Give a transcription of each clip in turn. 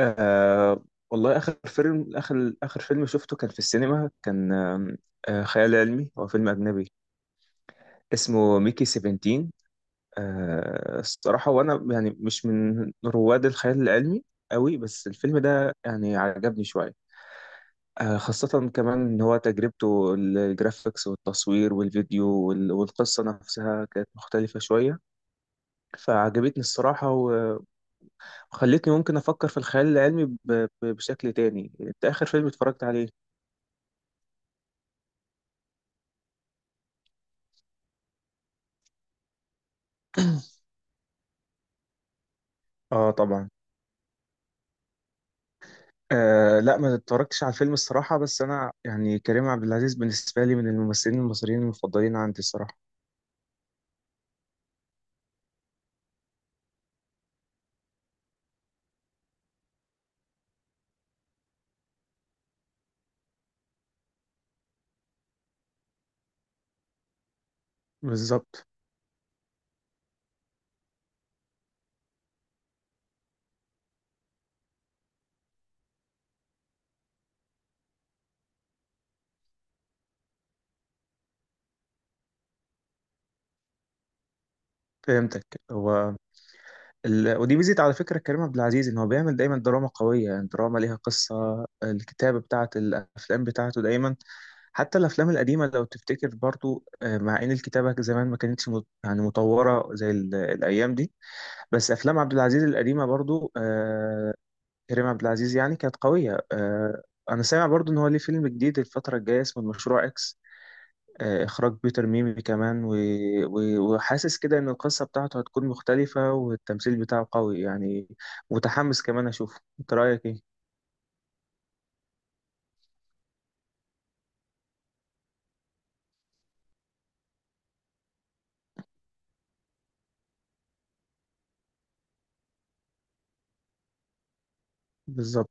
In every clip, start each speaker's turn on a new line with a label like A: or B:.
A: آه والله آخر فيلم شفته كان في السينما، كان آم، آه خيال علمي، هو فيلم أجنبي اسمه ميكي 17. الصراحة، وأنا يعني مش من رواد الخيال العلمي قوي، بس الفيلم ده يعني عجبني شوية. خاصة كمان إن هو تجربته الجرافيكس والتصوير والفيديو والقصة نفسها كانت مختلفة شوية، فعجبتني الصراحة وخلتني ممكن أفكر في الخيال العلمي بشكل تاني. أنت آخر فيلم اتفرجت عليه؟ اه، طبعا. آه، لا، ما اتفرجتش على الفيلم الصراحة، بس أنا يعني كريم عبد العزيز بالنسبة لي من الممثلين المصريين المفضلين عندي الصراحة. بالظبط، فهمتك. هو ودي ميزة على فكرة كريم عبد العزيز إن هو بيعمل دايما دراما قوية، يعني دراما ليها قصة، الكتابة بتاعة الأفلام بتاعته دايما، حتى الأفلام القديمة لو تفتكر برضو، مع إن الكتابة زمان ما كانتش يعني متطورة زي الأيام دي، بس أفلام عبد العزيز القديمة برضو، كريم عبد العزيز يعني كانت قوية. أنا سامع برضو إن هو ليه فيلم جديد الفترة الجاية اسمه المشروع إكس، إخراج بيتر ميمي كمان، وحاسس كده إن القصة بتاعته هتكون مختلفة والتمثيل بتاعه قوي، يعني متحمس كمان أشوفه. أنت رأيك إيه؟ بالظبط.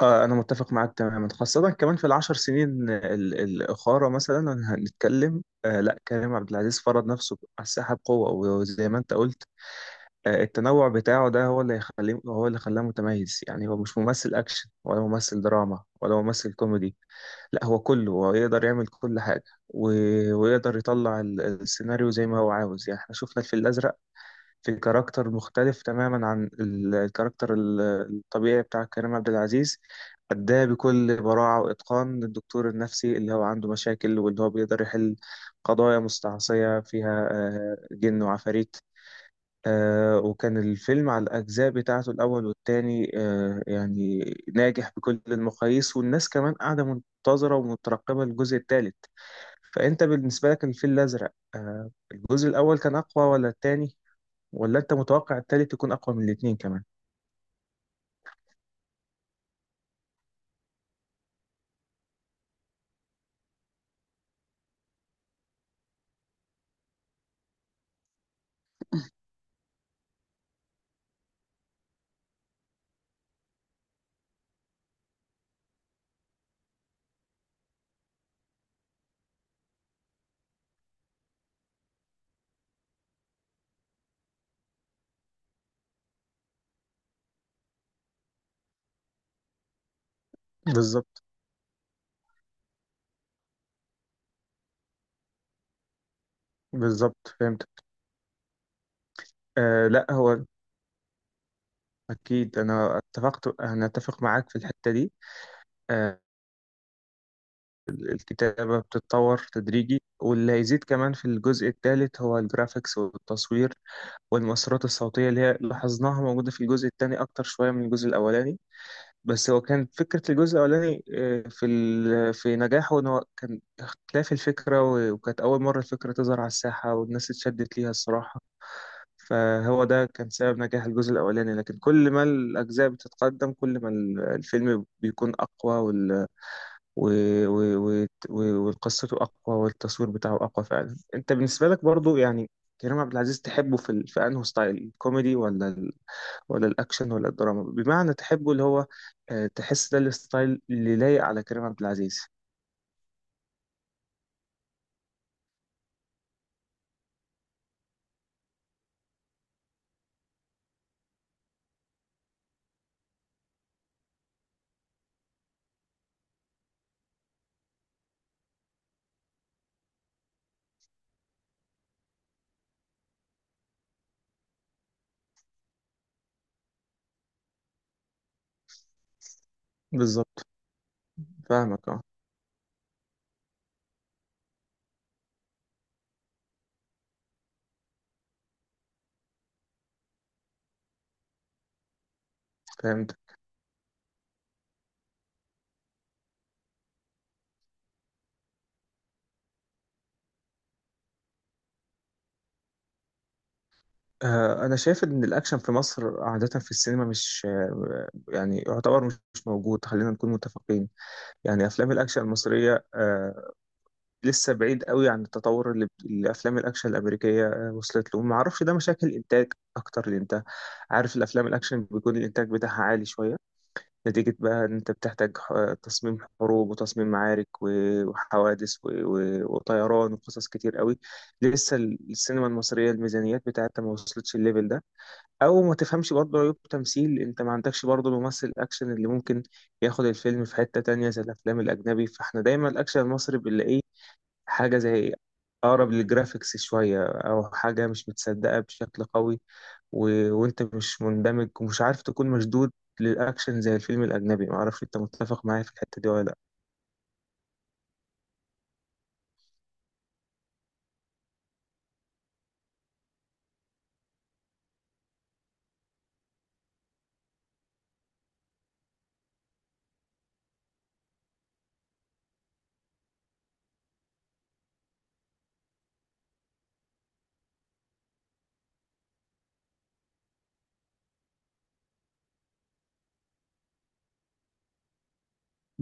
A: أنا متفق معاك تماما، خاصة كمان في 10 سنين الأخرى مثلا، هنتكلم لا، كريم عبد العزيز فرض نفسه على الساحة بقوة. وزي ما أنت قلت، التنوع بتاعه ده هو اللي يخليه، هو اللي خلاه متميز، يعني هو مش ممثل أكشن ولا ممثل دراما ولا ممثل كوميدي، لا، هو كله، هو يقدر يعمل كل حاجة، و... ويقدر يطلع السيناريو زي ما هو عاوز. يعني احنا شفنا الفيل الأزرق في كاركتر مختلف تماما عن الكاركتر الطبيعي بتاع كريم عبد العزيز، أداه بكل براعة وإتقان، الدكتور النفسي اللي هو عنده مشاكل واللي هو بيقدر يحل قضايا مستعصية فيها، جن وعفاريت. وكان الفيلم على الأجزاء بتاعته، الأول والتاني، يعني ناجح بكل المقاييس، والناس كمان قاعدة منتظرة ومترقبة الجزء التالت. فأنت بالنسبة لك الفيل الأزرق، الجزء الأول كان أقوى ولا التاني، ولا أنت متوقع التالت يكون أقوى من الاتنين كمان؟ بالظبط. بالظبط، فهمت. لا، هو أكيد. أنا أتفق معاك في الحتة دي. آه الكتابة بتتطور تدريجي، واللي هيزيد كمان في الجزء الثالث هو الجرافيكس والتصوير والمؤثرات الصوتية اللي هي لاحظناها موجودة في الجزء الثاني أكتر شوية من الجزء الأولاني، بس هو كان فكرة الجزء الأولاني في في نجاحه إن هو كان اختلاف الفكرة وكانت أول مرة الفكرة تظهر على الساحة والناس اتشدت ليها الصراحة، فهو ده كان سبب نجاح الجزء الأولاني. لكن كل ما الأجزاء بتتقدم، كل ما الفيلم بيكون أقوى و... وقصته أقوى والتصوير بتاعه أقوى فعلا. أنت بالنسبة لك برضو يعني كريم عبد العزيز تحبه في في أنه ستايل الكوميدي ولا ولا الأكشن ولا الدراما؟ بمعنى تحبه اللي هو، تحس ده الستايل اللي لايق على كريم عبد العزيز؟ بالظبط، فاهمك، اه، فهمت. أنا شايف إن الأكشن في مصر عادة في السينما مش يعني يعتبر مش موجود، خلينا نكون متفقين. يعني أفلام الأكشن المصرية لسه بعيد قوي عن التطور اللي افلام الاكشن الامريكيه وصلت له. ما اعرفش ده مشاكل انتاج اكتر، لان انت عارف الافلام الاكشن بيكون الانتاج بتاعها عالي شويه. نتيجه بقى ان انت بتحتاج تصميم حروب وتصميم معارك وحوادث وطيران وقصص كتير قوي. لسه السينما المصريه الميزانيات بتاعتها ما وصلتش الليفل ده، او ما تفهمش برضه عيوب تمثيل، انت ما عندكش برضه الممثل الاكشن اللي ممكن ياخد الفيلم في حته تانية زي الافلام الاجنبي. فاحنا دايما الاكشن المصري بنلاقيه حاجة زي أقرب للجرافيكس شوية، أو حاجة مش متصدقة بشكل قوي، وأنت مش مندمج ومش عارف تكون مشدود للأكشن زي الفيلم الأجنبي. معرفش أنت متفق معايا في الحتة دي ولا لأ؟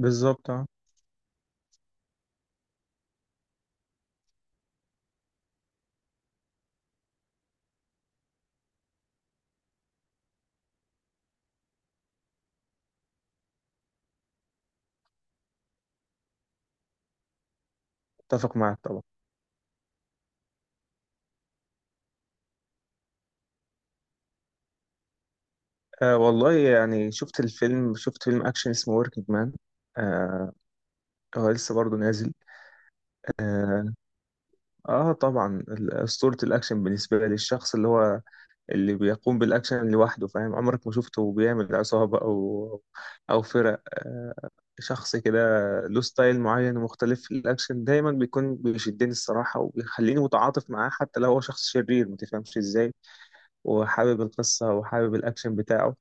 A: بالظبط، اه، متفق معاك طبعا. آه، والله، يعني شفت فيلم أكشن اسمه وركينج مان. آه هو لسه برضه نازل. طبعا، أسطورة الأكشن بالنسبة لي، الشخص اللي هو اللي بيقوم بالأكشن لوحده، فاهم؟ عمرك ما شفته بيعمل عصابة أو أو فرق، شخص كده له ستايل معين ومختلف في الأكشن، دايما بيكون بيشدني الصراحة وبيخليني متعاطف معاه حتى لو هو شخص شرير، ما تفهمش إزاي. وحابب القصة وحابب الأكشن بتاعه.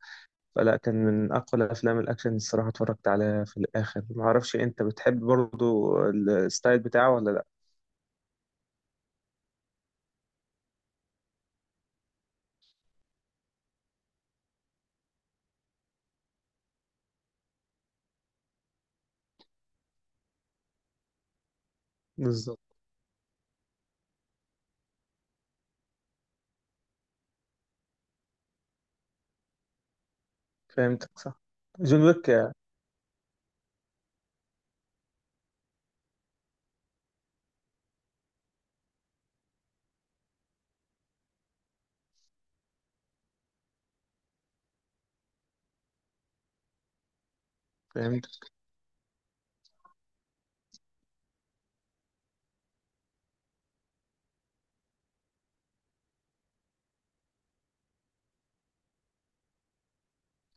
A: فلا، كان من أقوى الأفلام الأكشن الصراحة اتفرجت عليها في الآخر. معرفش أنت بتحب برضو الستايل بتاعه ولا لأ؟ بالظبط، فهمتك. صح، جون ويك. فهمت.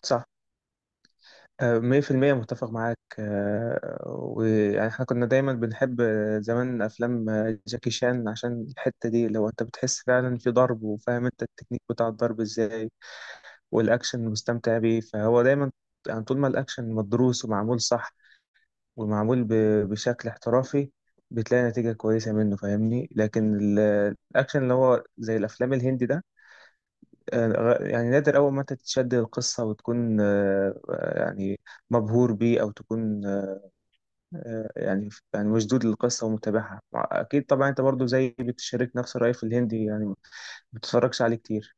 A: صح. 100% متفق معاك. ويعني احنا كنا دايما بنحب زمان أفلام جاكي شان عشان الحتة دي. لو أنت بتحس فعلا في ضرب، وفاهم أنت التكنيك بتاع الضرب إزاي والأكشن مستمتع بيه، فهو دايما يعني طول ما الأكشن مدروس ومعمول صح، ومعمول بشكل احترافي، بتلاقي نتيجة كويسة منه، فاهمني؟ لكن الأكشن اللي هو زي الأفلام الهندي ده، يعني نادر أول ما أنت تتشد القصة وتكون يعني مبهور بيه، او تكون يعني مشدود للقصة ومتابعها. أكيد طبعا أنت برضو زي بتشارك نفس الرأي في الهندي، يعني ما بتتفرجش عليه كتير.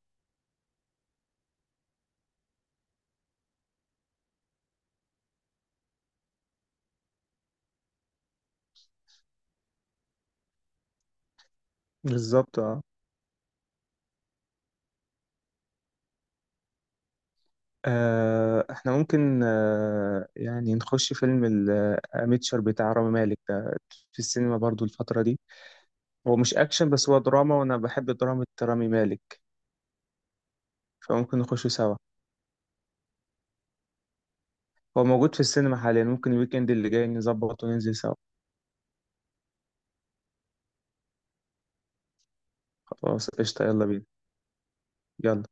A: بالظبط، اه. إحنا ممكن يعني نخش فيلم الميتشر بتاع رامي مالك ده في السينما برضو الفترة دي. هو مش أكشن، بس هو دراما، وأنا بحب دراما رامي مالك، فممكن نخشه سوا. هو موجود في السينما حاليا، ممكن الويكند اللي جاي نظبط وننزل سوا. خلاص، قشطة، يلا بينا. يلا.